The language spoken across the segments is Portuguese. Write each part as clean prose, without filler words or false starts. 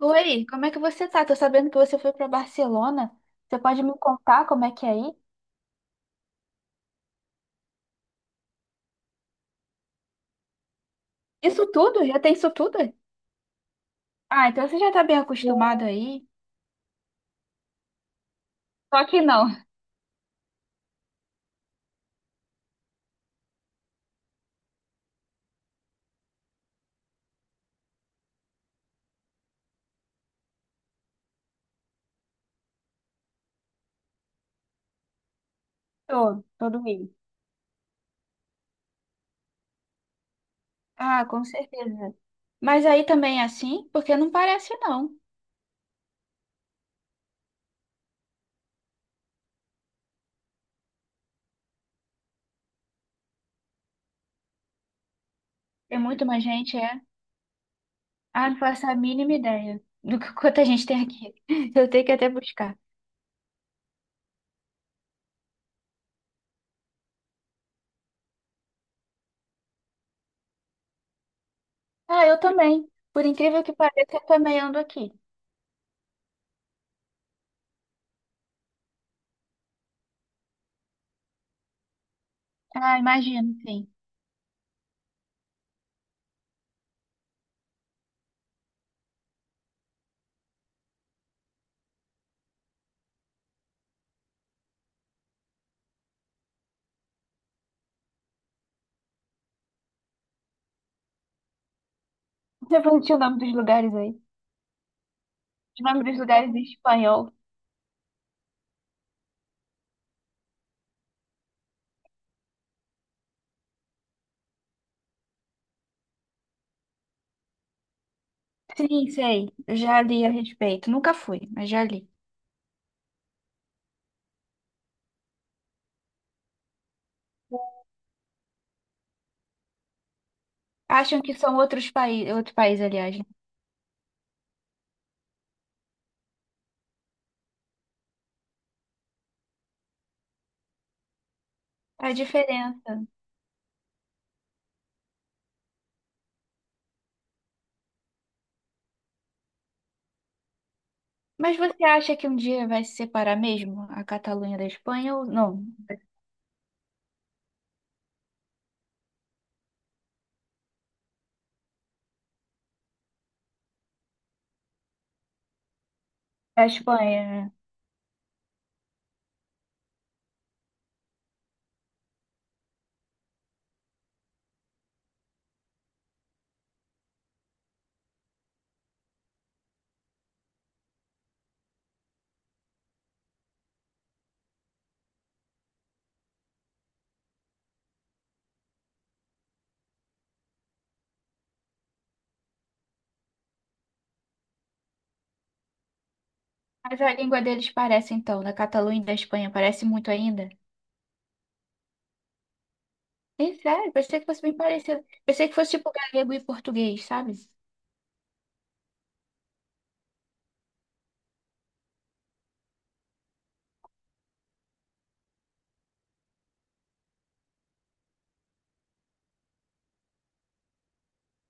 Oi, como é que você tá? Tô sabendo que você foi pra Barcelona. Você pode me contar como é que é aí? Isso tudo? Já tem isso tudo? Ah, então você já tá bem acostumado aí. Só que não. Tô doente. Ah, com certeza. Mas aí também é assim? Porque não parece não. Tem muito mais gente, é? Ah, não faço a mínima ideia do que quanta gente tem aqui. Eu tenho que até buscar. Ah, eu também. Por incrível que pareça, eu também ando aqui. Ah, imagino, sim. Você falou o nome dos lugares aí. Os nomes dos lugares em espanhol. Sim, sei. Eu já li a respeito. Nunca fui, mas já li. Acham que são outros países, outro país, aliás, né? A diferença. Mas você acha que um dia vai se separar mesmo a Catalunha da Espanha ou não? A Espanha, né? Mas a língua deles parece, então, da Catalunha e da Espanha, parece muito ainda. Sim, sério, pensei que fosse bem parecido. Pensei que fosse tipo galego e português, sabe?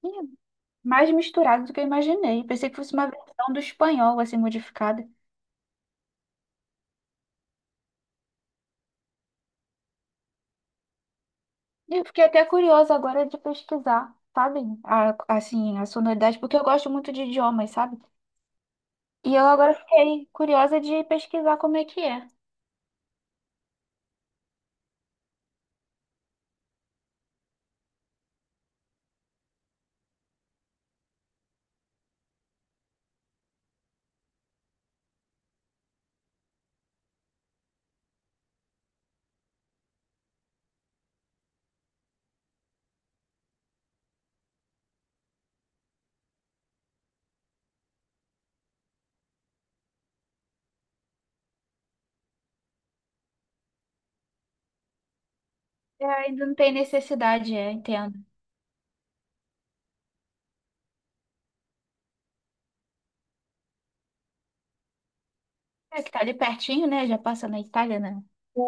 Sim, mais misturado do que eu imaginei. Pensei que fosse uma versão do espanhol, assim, modificada. Eu fiquei até curiosa agora de pesquisar, sabe? Assim, a sonoridade, porque eu gosto muito de idiomas, sabe? E eu agora fiquei curiosa de pesquisar como é que é. É, ainda não tem necessidade, é, entendo. É que tá ali pertinho, né? Já passa na Itália, né?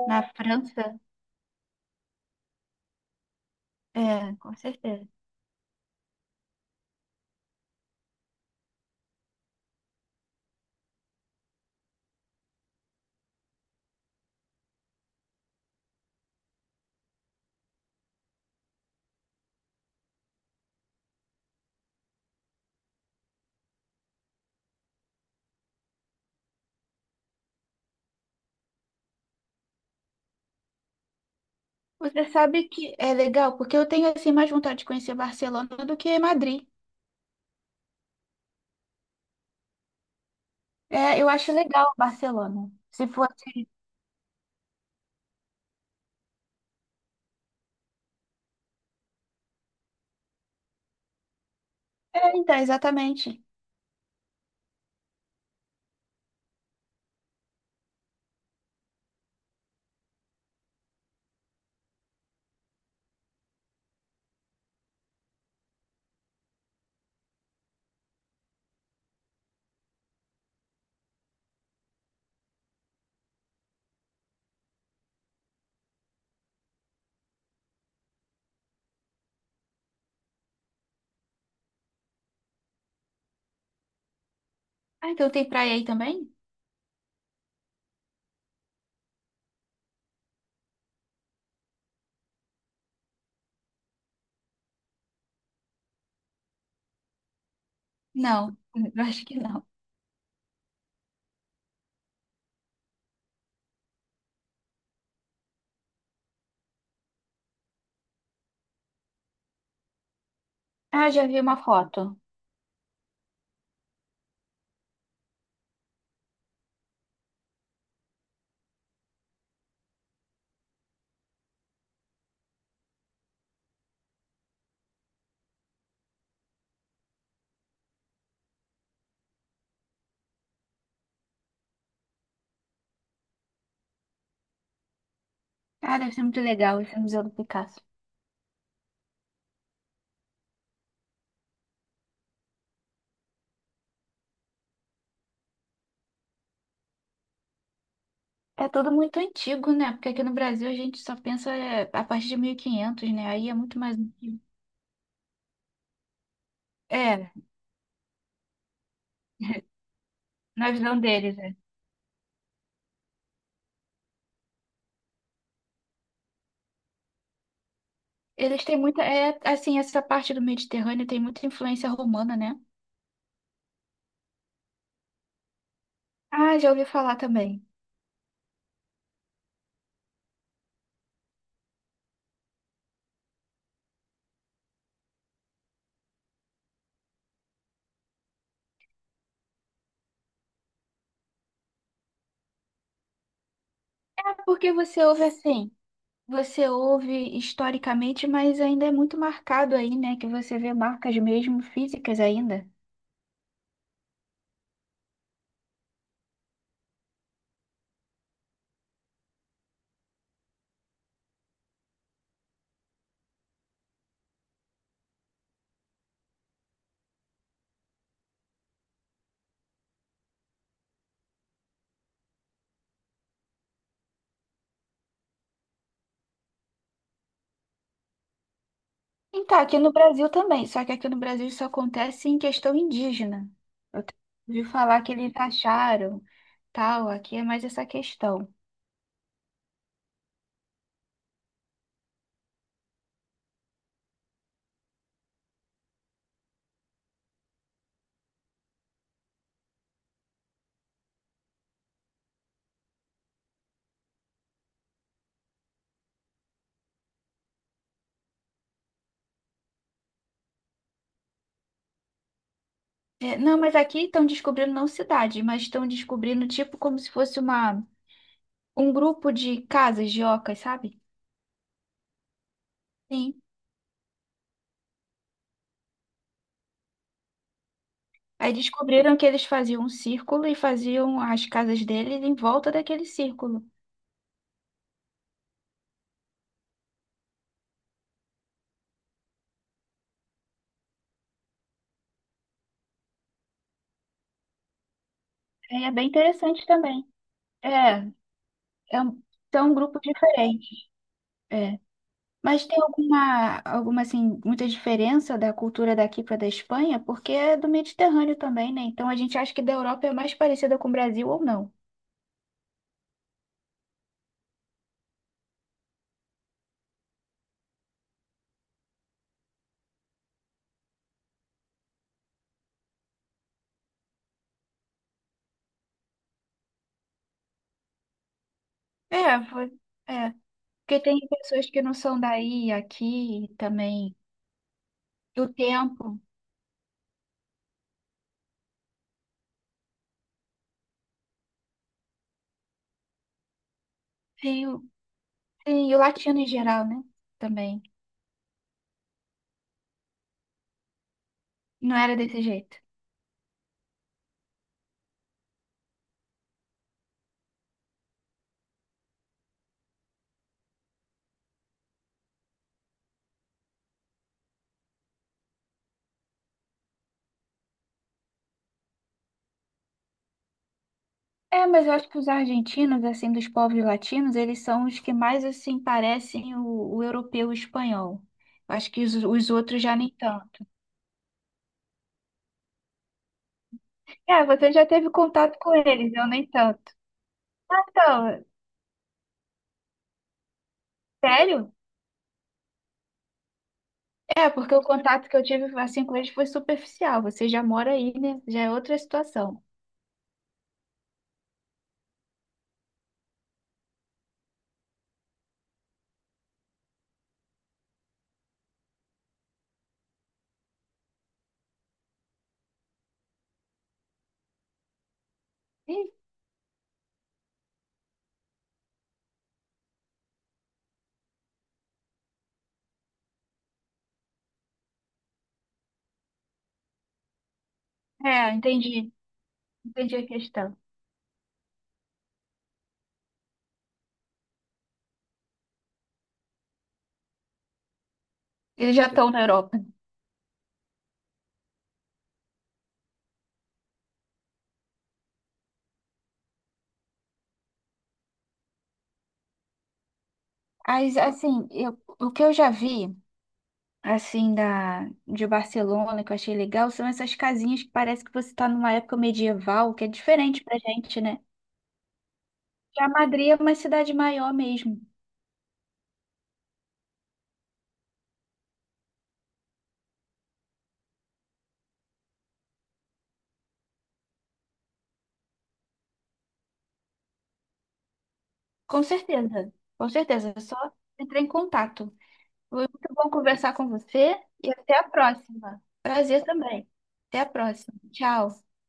Na França. É, com certeza. Você sabe que é legal, porque eu tenho, assim, mais vontade de conhecer Barcelona do que Madrid. É, eu acho legal Barcelona. Se fosse... É, então, exatamente. Ah, então tem praia aí também? Não, eu acho que não. Ah, já vi uma foto. Ah, deve ser muito legal esse Museu do Picasso. É tudo muito antigo, né? Porque aqui no Brasil a gente só pensa é, a partir de 1500, né? Aí é muito mais antigo. É, na visão deles, é. Eles têm muita. É, assim, essa parte do Mediterrâneo tem muita influência romana, né? Ah, já ouvi falar também. Ah, porque você ouve assim? Você ouve historicamente, mas ainda é muito marcado aí, né? Que você vê marcas mesmo físicas ainda. Então, aqui no Brasil também, só que aqui no Brasil isso acontece em questão indígena. Eu te- ouvi falar que eles acharam, tal, aqui é mais essa questão. É, não, mas aqui estão descobrindo não cidade, mas estão descobrindo tipo como se fosse uma, um grupo de casas de ocas, sabe? Sim. Aí descobriram que eles faziam um círculo e faziam as casas deles em volta daquele círculo. Aí é bem interessante também. É, é um, são um grupo diferente. Mas tem alguma, alguma assim, muita diferença da cultura daqui para da Espanha? Porque é do Mediterrâneo também, né? Então a gente acha que da Europa é mais parecida com o Brasil ou não? É, foi- É, porque tem pessoas que não são daí, aqui e também, do tempo, sim o, tem o latino em geral, né? Também, não era desse jeito. É, mas eu acho que os argentinos, assim, dos povos latinos, eles são os que mais, assim, parecem o europeu e o espanhol. Eu acho que os outros já nem tanto. É, você já teve contato com eles, eu nem tanto. Então, sério? É, porque o contato que eu tive assim com eles foi superficial. Você já mora aí, né? Já é outra situação. Ih, é, entendi. Entendi a questão. Eles já estão na Europa. Mas, assim, o que eu já vi, assim, da, de Barcelona, que eu achei legal, são essas casinhas que parece que você está numa época medieval, que é diferente pra gente, né? Já Madrid é uma cidade maior mesmo. Com certeza. Com certeza. Eu só entrar em contato. Foi muito bom conversar com você e até a próxima. Prazer também. Até a próxima. Tchau.